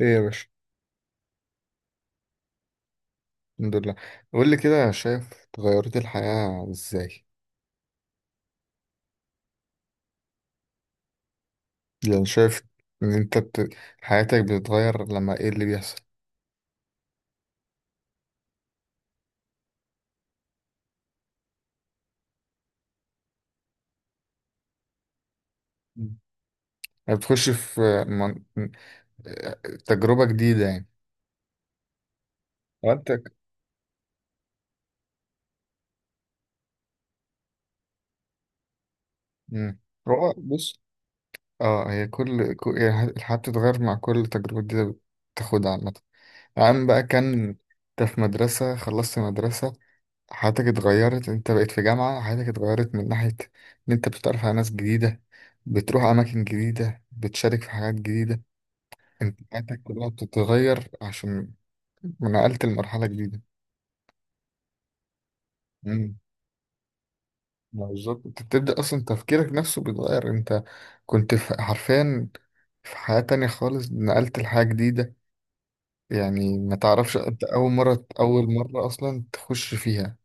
ايه يا باشا. الحمد لله. قول لي كده، شايف تغيرت الحياة ازاي؟ يعني شايف ان انت بت... حياتك بتتغير لما ايه اللي بيحصل؟ مم. يعني بتخش في من... تجربة جديدة، يعني حياتك. مم. هو بص، اه هي هي الحياة بتتغير مع كل تجربة جديدة بتاخدها، عامة. عم بقى كان. انت في مدرسة، خلصت مدرسة، حياتك اتغيرت، انت بقيت في جامعة، حياتك اتغيرت من ناحية ان انت بتتعرف على ناس جديدة، بتروح اماكن جديدة، بتشارك في حاجات جديدة. انت حياتك كلها بتتغير عشان نقلت لمرحلة جديدة. امم. ما بالظبط، انت بتبدأ اصلا تفكيرك نفسه بيتغير، انت كنت حرفيا في حياة تانية خالص، نقلت لحاجة جديدة. يعني ما تعرفش، انت اول مرة اصلا تخش فيها.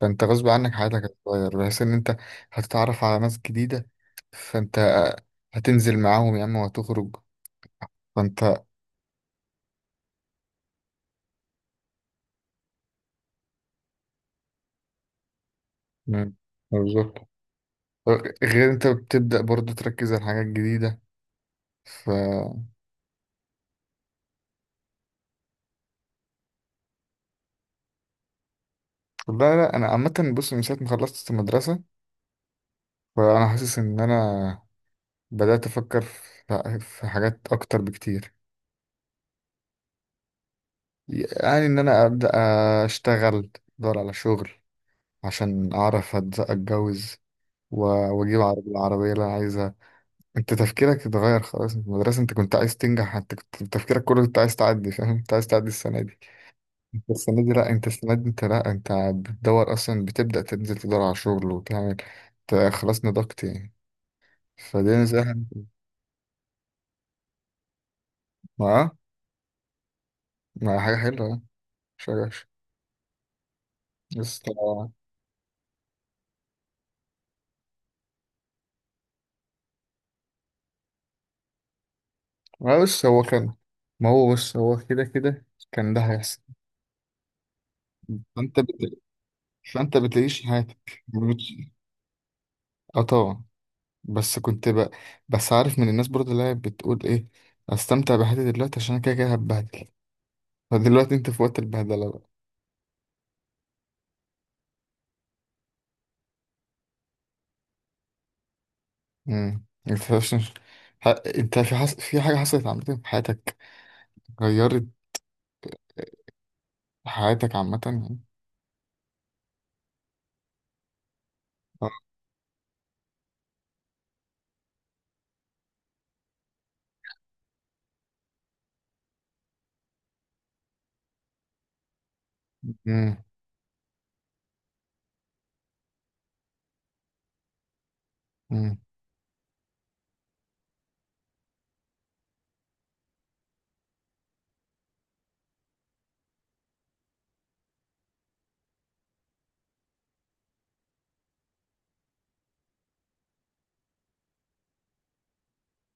فانت غصب عنك حياتك هتتغير بحيث ان انت هتتعرف على ناس جديدة، فانت هتنزل معاهم يا عم وهتخرج، فانت. مم. بالظبط. غير انت بتبدأ برضو تركز على حاجات جديدة ف لا، لا، انا عامة، بص من ساعة ما خلصت المدرسة، فانا حاسس ان انا بدأت افكر في حاجات اكتر بكتير. يعني ان انا ابدأ اشتغل، ادور على شغل عشان اعرف اتجوز و- واجيب العربية اللي انا عايزها. انت تفكيرك اتغير خلاص. في المدرسة، انت كنت عايز تنجح، انت كنت تفكيرك كله انت عايز تعدي، فاهم؟ انت عايز تعدي السنة دي. انت السنة دي انت لا انت بتدور اصلا، بتبدأ تنزل تدور على شغل وتعمل. انت خلاص نضجت يعني، فدي نزاهة. ما ما حاجة حلوة، اه. مش وحش. بس طبعا. ما بص هو كان ما هو بص، هو كده كده كان ده هيحصل. فانت بت... فانت بتعيش حياتك اه طبعا. بس كنت ب... بس عارف من الناس برضه اللي هي بتقول ايه، استمتع بحياتي دلوقتي عشان أنا كده كده هتبهدل. فدلوقتي انت في وقت البهدله بقى. انت ح... انت في في حاجه حصلت عامه في حياتك، غيرت حياتك عامه يعني؟ امم، امم.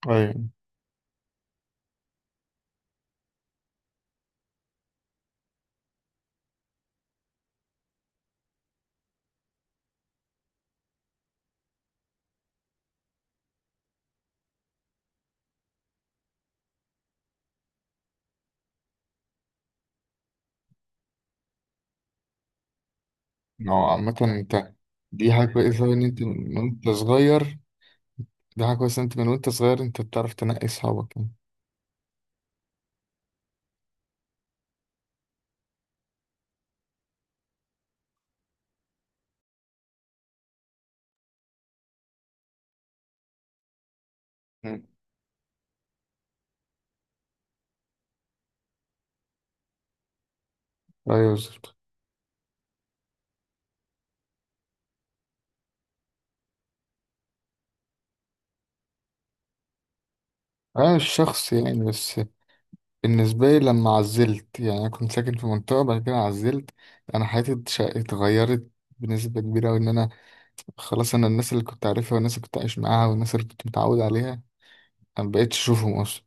ايوه، ما هو عامه، انت، دي حاجه كويسه أوي ان انت من وانت صغير، دي حاجه كويسه ان انت من وانت صغير، انت بتعرف تنقي اصحابك يعني. مم. ايوه، بالظبط. انا مش شخص يعني، بس. بالنسبة لي، لما عزلت، يعني أنا كنت ساكن في منطقة، بعد كده عزلت، أنا حياتي اتغيرت بنسبة كبيرة أوي إن أنا، خلاص، أنا الناس اللي كنت عارفها، والناس اللي كنت عايش معاها، والناس اللي كنت متعود عليها، أنا مبقتش أشوفهم أصلا،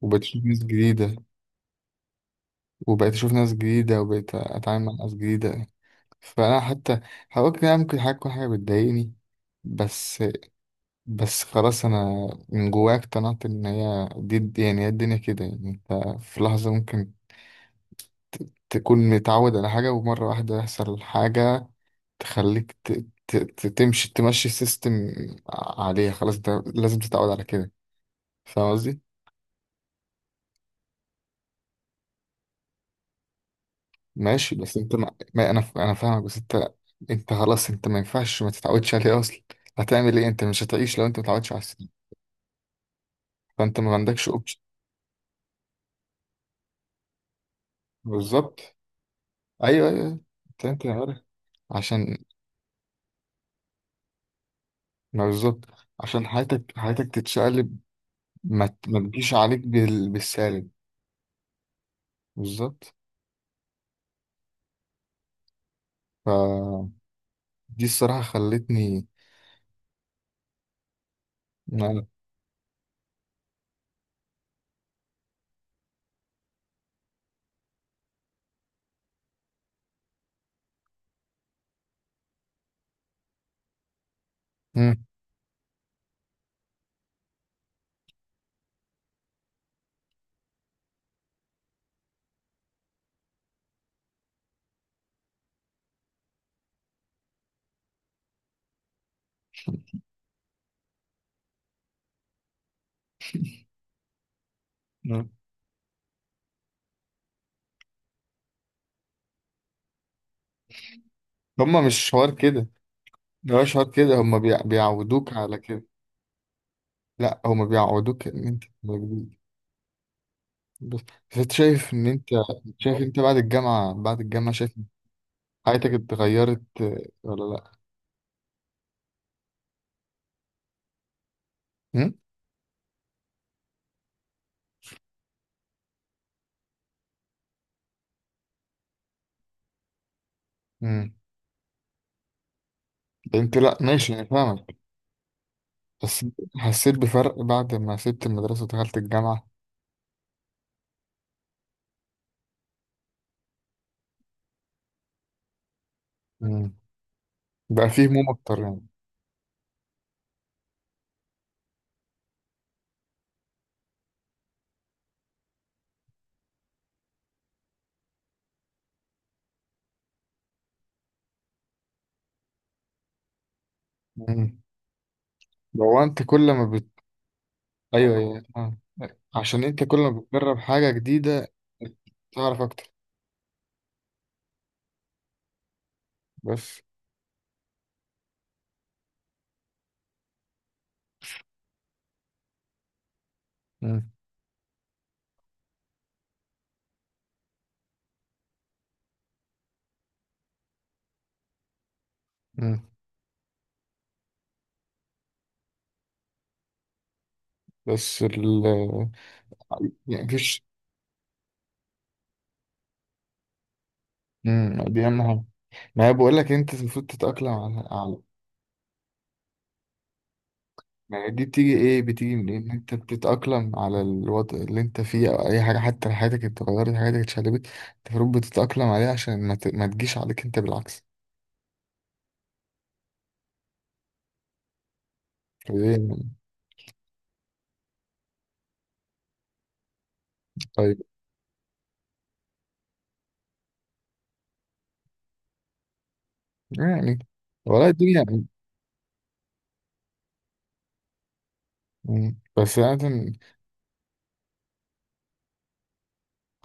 وبقيت أشوف ناس جديدة. وبقيت أتعامل مع ناس جديدة. فأنا حتى هقول كده، ممكن حاجة تكون، حاجة بتضايقني. بس بس خلاص، أنا من جوايا اقتنعت إن هي دي، يعني هي الدنيا كده يعني، أنت في لحظة ممكن تكون متعود على حاجة، ومرة واحدة يحصل حاجة تخليك تمشي سيستم عليها. خلاص ده لازم تتعود على كده، فاهم قصدي؟ ماشي. بس انت ما... ما انا فاهمك، بس انت. انت خلاص، انت ما ينفعش ما تتعودش عليه اصلا، هتعمل ايه؟ انت مش هتعيش لو انت ما اتعودتش على السيستم. فانت ما عندكش اوبشن. بالظبط. ايوه، ايوه، ايوه. انت عارف عشان، ما بالظبط، عشان حياتك تتشقلب، ما تجيش عليك بالسالب. بالظبط. دي الصراحة خلتني ما- مم. مم. هما مش حوار كده، ده مش حوار كده، هما بيعودوك على كده. لا، هما بيعودوك ان انت تبقى جديد. بس بس انت شايف ان انت، شايف انت بعد الجامعة، شايف إن حياتك اتغيرت، آه، ولا لا؟ مم؟ مم. ده انت لا، ماشي، انا فاهمك، بس حسيت بفرق بعد ما سبت المدرسة ودخلت الجامعة. مم. بقى فيه هموم اكتر يعني. مم. لو انت كل ما. ايوه، ايوه، آه. عشان انت كل ما بتجرب حاجة جديدة، تعرف اكتر، بس. مم. مم. بس يعني مفيش. مم. دي اهم حاجة. ما هي، بقول لك انت المفروض تتأقلم على، يعني دي بتيجي ايه، بتيجي من إيه؟ ان انت بتتأقلم على الوضع اللي انت فيه، او اي حاجة، حتى لو حياتك اتغيرت، حياتك اتشقلبت، انت المفروض بتتأقلم عليها، عشان ما تجيش عليك انت، بالعكس. فدي- طيب. يعني والله، الدنيا. مم. بس يعني،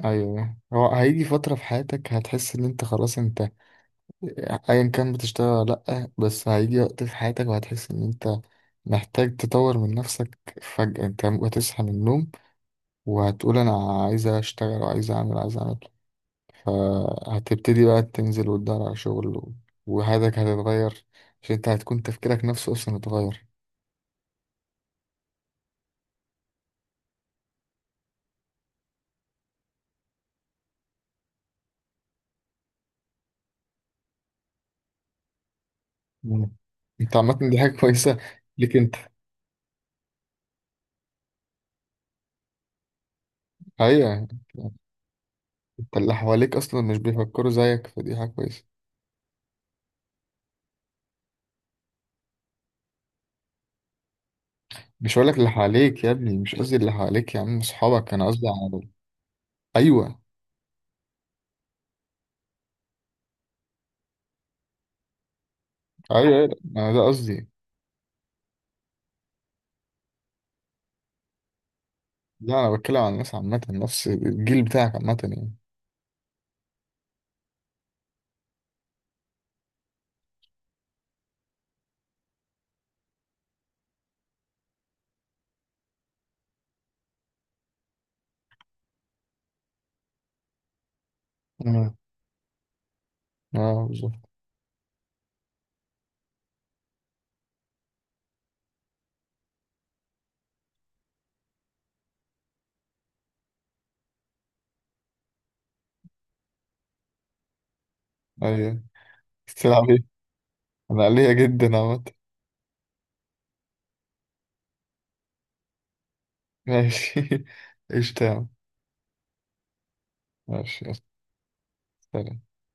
ايوه، هو هيجي فترة في حياتك هتحس ان انت خلاص، انت ايا كان بتشتغل ولا لأ، بس هيجي وقت في حياتك وهتحس ان انت محتاج تطور من نفسك فجأة. انت هتصحى من النوم، وهتقول انا عايز اشتغل وعايز اعمل، عايز اعمل. فهتبتدي بقى تنزل وتدور على شغل وحياتك هتتغير. عشان انت هتكون تفكيرك نفسه اصلا اتغير. مم. انت، عامة دي حاجة كويسة ليك انت. ايوه. انت اللي حواليك اصلا مش بيفكروا زيك، فدي حاجة كويسة. مش هقول لك اللي حواليك يا ابني، مش قصدي اللي حواليك يا عم اصحابك، انا قصدي على، ايوه، ايوه، ايوه، انا ده قصدي. لا، انا بتكلم عن الناس عامة، نفس الجيل بتاعك عامة يعني. مم. اه، بالظبط. ايوه. تلعب ايه؟ انا قلية جدا عامة. ماشي. ايش. تمام. ماشي يلا. سلام.